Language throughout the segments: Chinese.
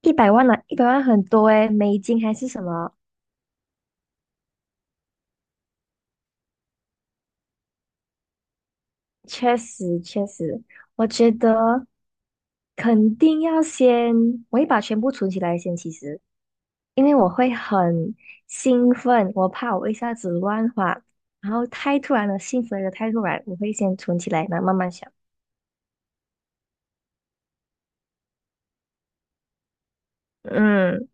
一百万呢、一百万很多诶，美金还是什么？确实，确实，我觉得肯定要先，我会把全部存起来先。其实，因为我会很兴奋，我怕我一下子乱花，然后太突然了，兴奋的太突然，我会先存起来，然后慢慢想。嗯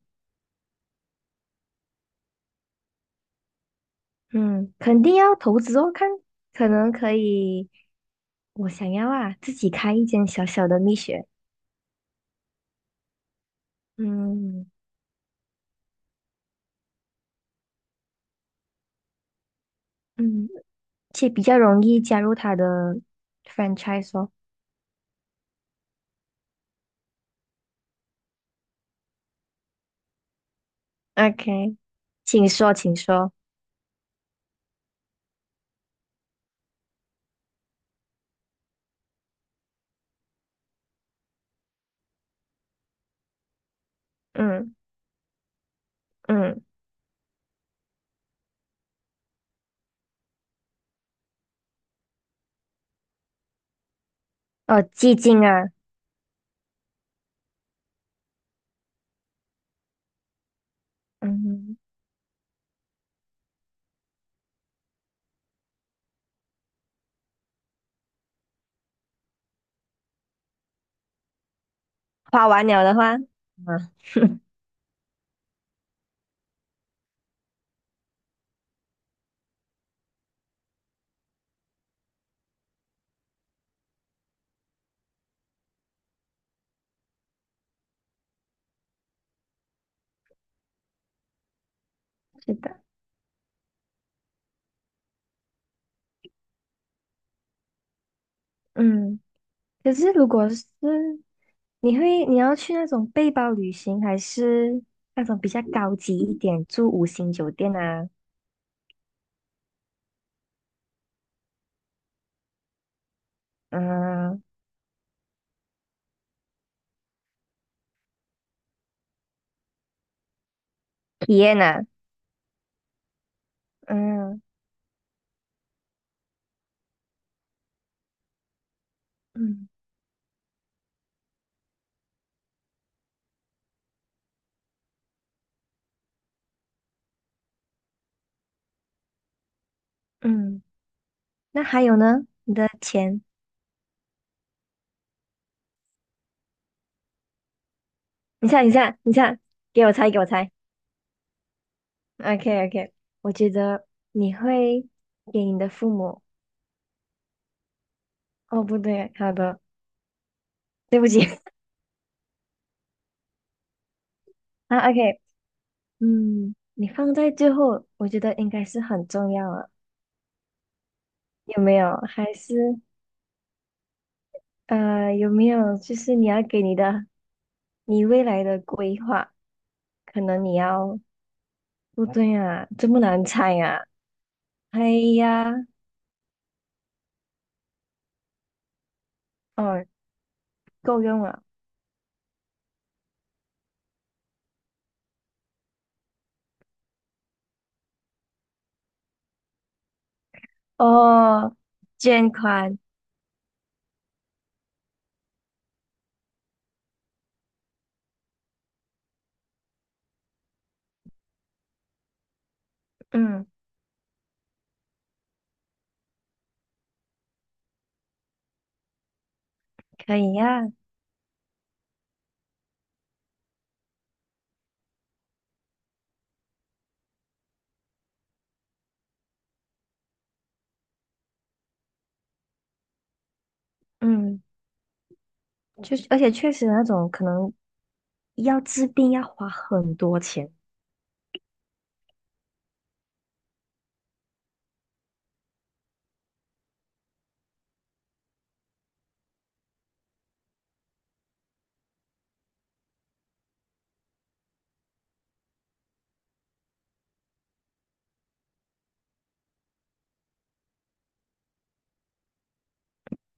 嗯，肯定要投资哦，看可能可以，我想要啊，自己开一间小小的蜜雪。嗯嗯。且比较容易加入他的 franchise 哦。OK，请说，请说。嗯嗯，哦，寂静啊，嗯，花完了的话，啊，是的，嗯。可是如果是你会你要去那种背包旅行，还是那种比较高级一点，住五星酒店啊，嗯，体验啊，嗯嗯嗯。那还有呢？你的钱，你看，你看，你看，给我猜，给我猜。OK OK，我觉得你会给你的父母，哦不对，好的，对不起 啊 OK，嗯，你放在最后，我觉得应该是很重要了，有没有？还是有没有就是你要给你的你未来的规划，可能你要不对啊，这么难猜啊，哎呀，哦够用了，哦捐款，嗯可以呀、嗯。就是，而且确实那种可能要治病要花很多钱。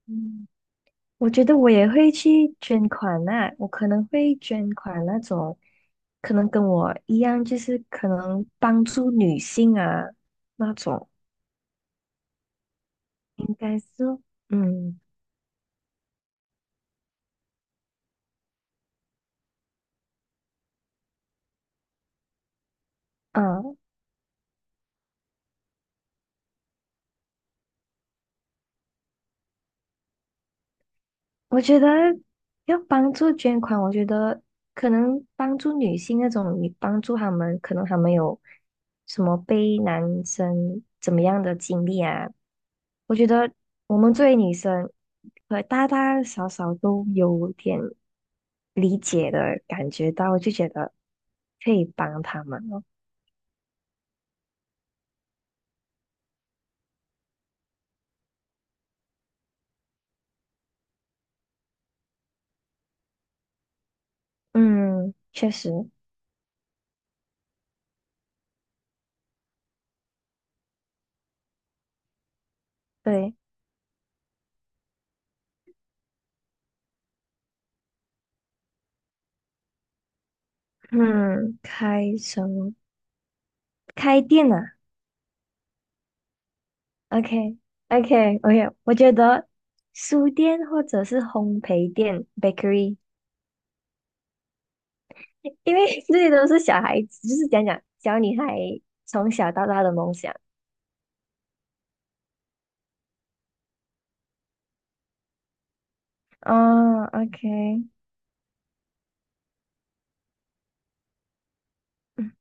嗯，我觉得我也会去捐款呐、我可能会捐款那种，可能跟我一样，就是可能帮助女性啊那种，应该是，嗯嗯，啊我觉得要帮助捐款，我觉得可能帮助女性那种，你帮助他们，可能他们有什么被男生怎么样的经历啊？我觉得我们作为女生，大大小小都有点理解的感觉到，我就觉得可以帮他们了。嗯，确实，对，嗯，开什么？开店啊？o k o k o k 我觉得书店或者是烘焙店 （bakery），因为 这些都是小孩子，就是讲讲小女孩从小到大的梦想。哦，OK，嗯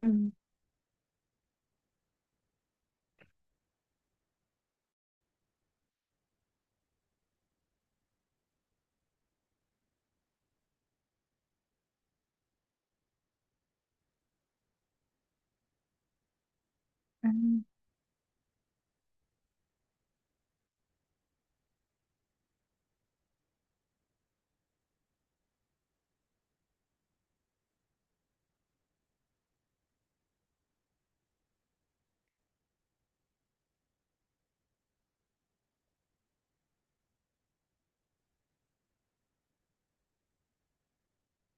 嗯嗯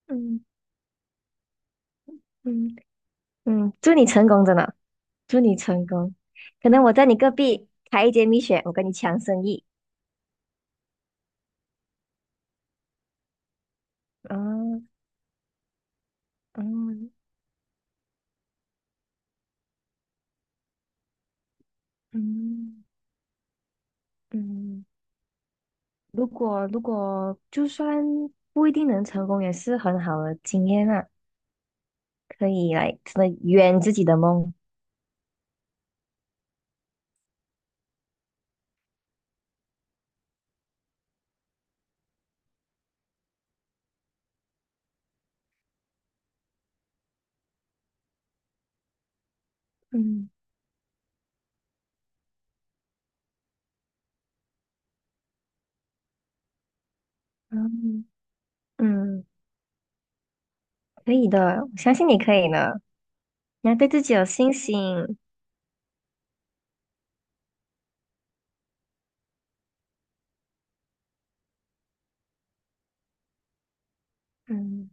嗯嗯嗯，祝你成功，真的，祝你成功。可能我在你隔壁开一间蜜雪，我跟你抢生意。哦，嗯嗯嗯。如果如果就算不一定能成功，也是很好的经验啊，可以来真的圆自己的梦。嗯嗯嗯，可以的，我相信你可以的。你要对自己有信心。嗯，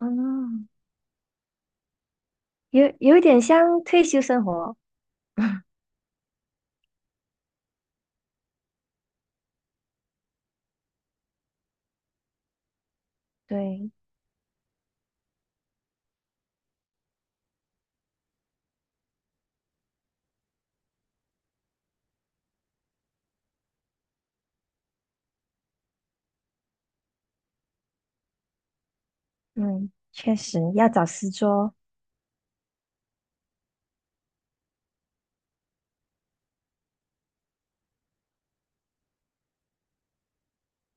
哦，有有一点像退休生活。对，嗯，确实要找事做。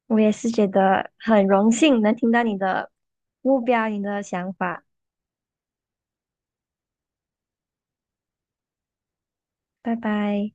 我也是觉得很荣幸能听到你的目标，你的想法。拜拜。